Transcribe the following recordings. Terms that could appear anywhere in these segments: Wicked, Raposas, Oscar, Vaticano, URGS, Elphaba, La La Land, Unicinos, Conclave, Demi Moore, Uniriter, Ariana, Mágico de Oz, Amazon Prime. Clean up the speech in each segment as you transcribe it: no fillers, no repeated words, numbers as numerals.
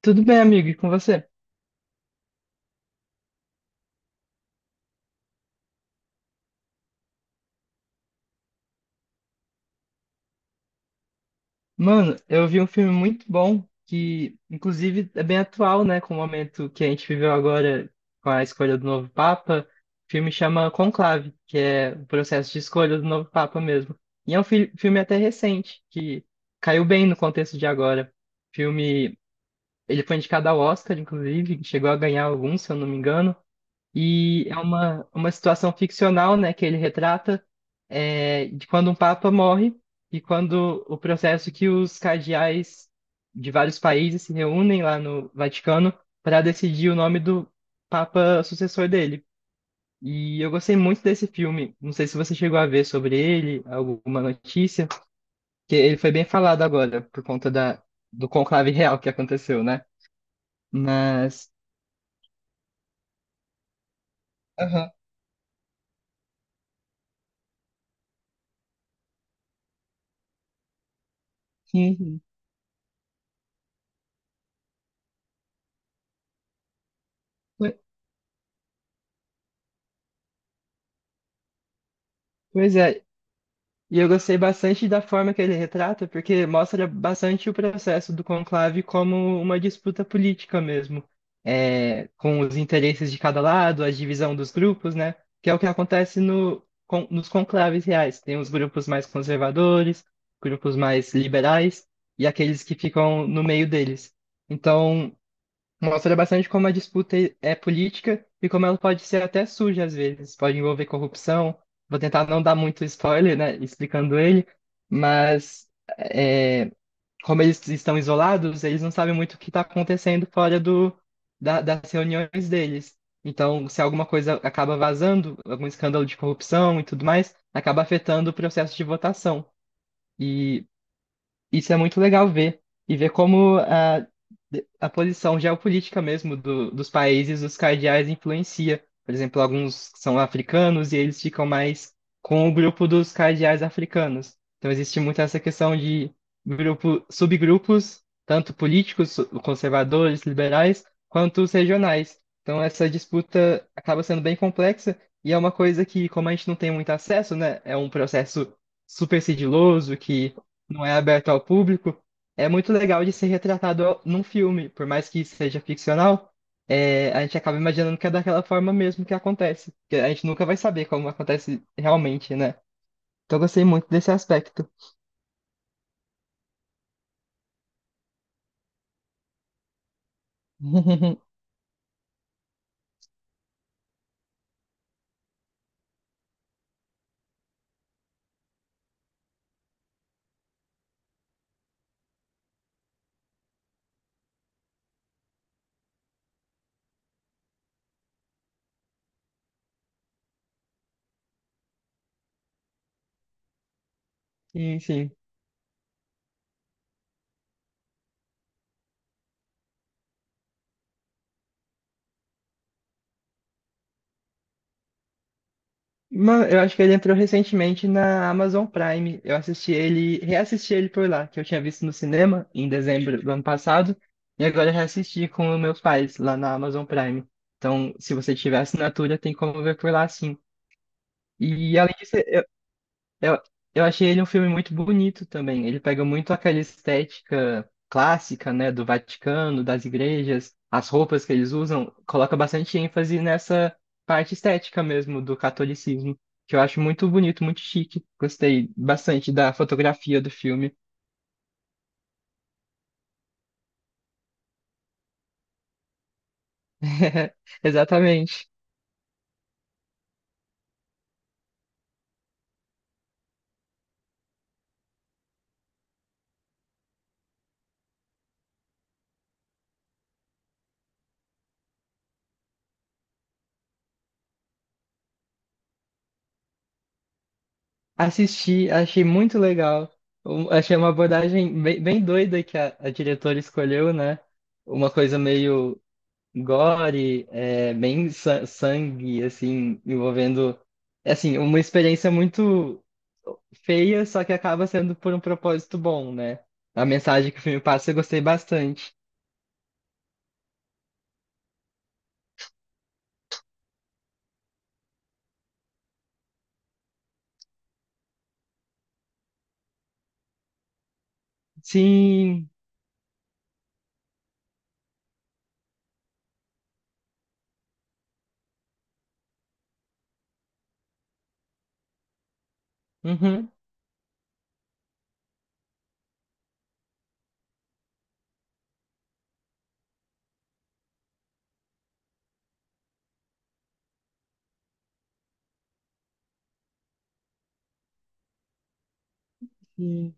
Tudo bem, amigo, e com você? Mano, eu vi um filme muito bom que, inclusive, é bem atual, né, com o momento que a gente viveu agora com a escolha do novo Papa. O filme chama Conclave, que é o processo de escolha do novo Papa mesmo. E é um filme até recente, que caiu bem no contexto de agora. Filme, ele foi indicado ao Oscar, inclusive, chegou a ganhar alguns, se eu não me engano. E é uma situação ficcional, né, que ele retrata de quando um papa morre e quando o processo que os cardeais de vários países se reúnem lá no Vaticano para decidir o nome do papa sucessor dele. E eu gostei muito desse filme. Não sei se você chegou a ver sobre ele, alguma notícia, que ele foi bem falado agora por conta da, do conclave real que aconteceu, né? Mas. Aham, sim, sim. Pois pois é, E eu gostei bastante da forma que ele retrata, porque mostra bastante o processo do conclave como uma disputa política mesmo, é, com os interesses de cada lado, a divisão dos grupos, né? Que é o que acontece no, nos conclaves reais. Tem os grupos mais conservadores, grupos mais liberais e aqueles que ficam no meio deles. Então, mostra bastante como a disputa é política e como ela pode ser até suja às vezes, pode envolver corrupção. Vou tentar não dar muito spoiler, né, explicando ele, mas é, como eles estão isolados, eles não sabem muito o que está acontecendo fora do, das reuniões deles. Então, se alguma coisa acaba vazando, algum escândalo de corrupção e tudo mais, acaba afetando o processo de votação. E isso é muito legal ver. E ver como a posição geopolítica mesmo do, dos países, os cardeais, influencia. Por exemplo, alguns são africanos e eles ficam mais com o grupo dos cardeais africanos. Então, existe muito essa questão de grupo, subgrupos, tanto políticos, conservadores, liberais, quanto os regionais. Então, essa disputa acaba sendo bem complexa e é uma coisa que, como a gente não tem muito acesso, né, é um processo super sigiloso que não é aberto ao público, é muito legal de ser retratado num filme, por mais que seja ficcional, é, a gente acaba imaginando que é daquela forma mesmo que acontece, porque a gente nunca vai saber como acontece realmente, né? Então eu gostei muito desse aspecto. Sim, sim. Mano, eu acho que ele entrou recentemente na Amazon Prime. Eu assisti ele, reassisti ele por lá, que eu tinha visto no cinema em dezembro do ano passado, e agora eu reassisti com meus pais lá na Amazon Prime. Então, se você tiver assinatura, tem como ver por lá, sim. E além disso, eu, eu achei ele um filme muito bonito também. Ele pega muito aquela estética clássica, né, do Vaticano, das igrejas, as roupas que eles usam, coloca bastante ênfase nessa parte estética mesmo do catolicismo, que eu acho muito bonito, muito chique. Gostei bastante da fotografia do filme. Exatamente. Assisti, achei muito legal. Achei uma abordagem bem, bem doida que a diretora escolheu, né? Uma coisa meio gore, é, bem sangue, assim, envolvendo, é, assim, uma experiência muito feia, só que acaba sendo por um propósito bom, né? A mensagem que o filme passa eu gostei bastante. Sim, uhum, sim.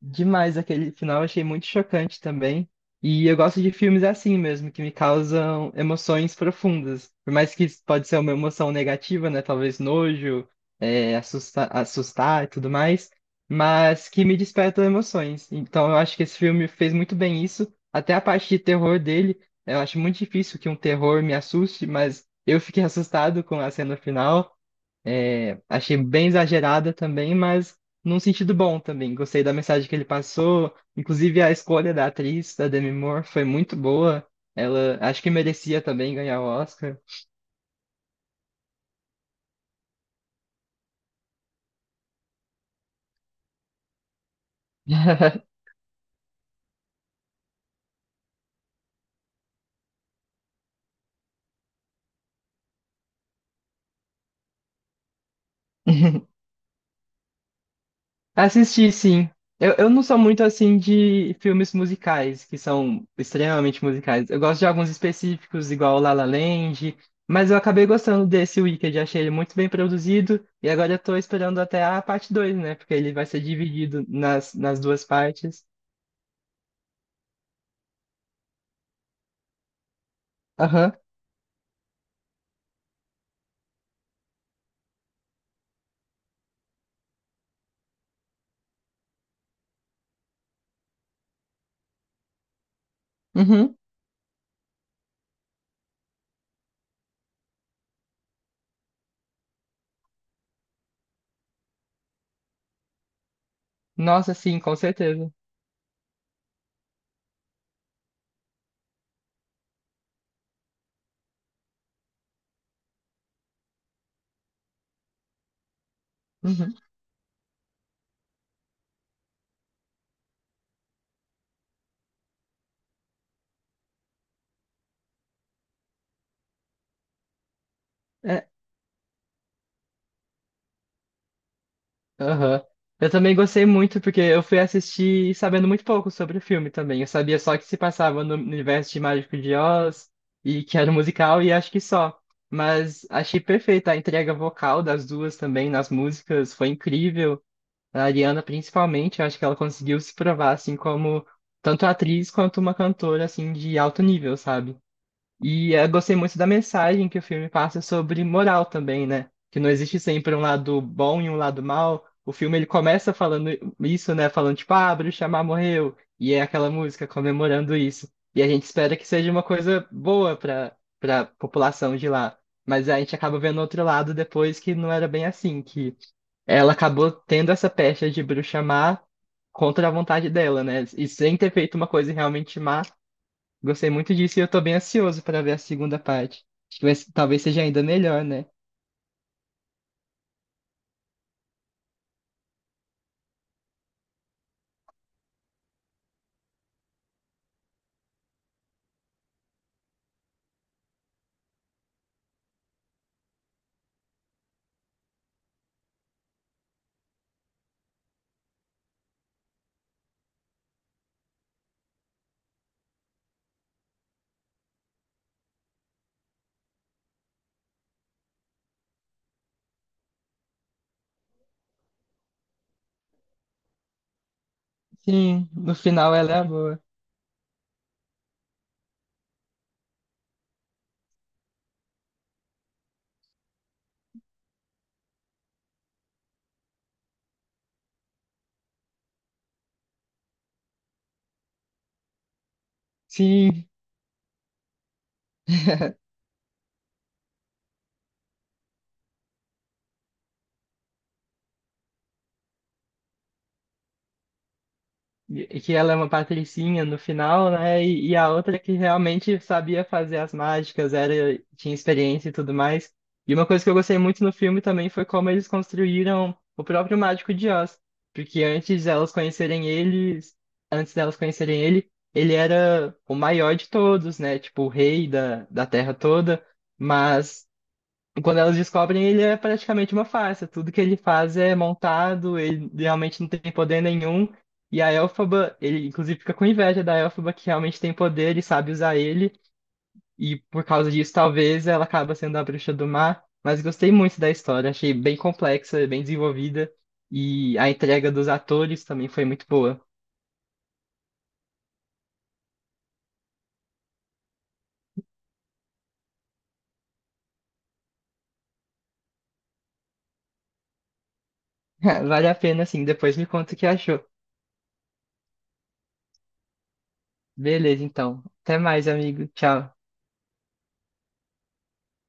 Demais aquele final, achei muito chocante também. E eu gosto de filmes assim mesmo, que me causam emoções profundas. Por mais que isso pode ser uma emoção negativa, né? Talvez nojo, é, assustar e tudo mais, mas que me despertam emoções. Então eu acho que esse filme fez muito bem isso. Até a parte de terror dele, eu acho muito difícil que um terror me assuste, mas eu fiquei assustado com a cena final. É, achei bem exagerada também, mas num sentido bom também. Gostei da mensagem que ele passou. Inclusive, a escolha da atriz, da Demi Moore, foi muito boa. Ela acho que merecia também ganhar o Oscar. Assisti, sim. Eu, não sou muito assim de filmes musicais, que são extremamente musicais. Eu gosto de alguns específicos, igual La La Land, mas eu acabei gostando desse Wicked, achei ele muito bem produzido, e agora eu tô esperando até a parte dois, né? Porque ele vai ser dividido nas duas partes. Aham. Uhum. Nossa, sim, com certeza. Uhum. Aham. Eu também gostei muito porque eu fui assistir sabendo muito pouco sobre o filme também. Eu sabia só que se passava no universo de Mágico de Oz e que era um musical e acho que só. Mas achei perfeita a entrega vocal das duas também nas músicas, foi incrível. A Ariana principalmente, eu acho que ela conseguiu se provar assim como tanto atriz quanto uma cantora assim de alto nível, sabe? E eu gostei muito da mensagem que o filme passa sobre moral também, né? Que não existe sempre um lado bom e um lado mal. O filme ele começa falando isso, né? Falando tipo, ah, Bruxa Má morreu. E é aquela música comemorando isso. E a gente espera que seja uma coisa boa para população de lá. Mas a gente acaba vendo outro lado depois que não era bem assim, que ela acabou tendo essa pecha de bruxa má contra a vontade dela, né? E sem ter feito uma coisa realmente má, gostei muito disso e eu tô bem ansioso pra ver a segunda parte. Acho que talvez seja ainda melhor, né? Sim, no final ela é a boa. Sim. Que ela é uma patricinha no final, né? E a outra que realmente sabia fazer as mágicas, era, tinha experiência e tudo mais. E uma coisa que eu gostei muito no filme também foi como eles construíram o próprio Mágico de Oz, porque antes delas conhecerem eles, antes delas conhecerem ele, ele era o maior de todos, né? Tipo, o rei da terra toda, mas quando elas descobrem, ele é praticamente uma farsa. Tudo que ele faz é montado, ele realmente não tem poder nenhum. E a Elphaba, ele inclusive fica com inveja da Elphaba, que realmente tem poder e sabe usar ele. E por causa disso, talvez ela acaba sendo a bruxa do mar. Mas gostei muito da história, achei bem complexa, bem desenvolvida. E a entrega dos atores também foi muito boa. Vale a pena, assim, depois me conta o que achou. Beleza, então. Até mais, amigo. Tchau.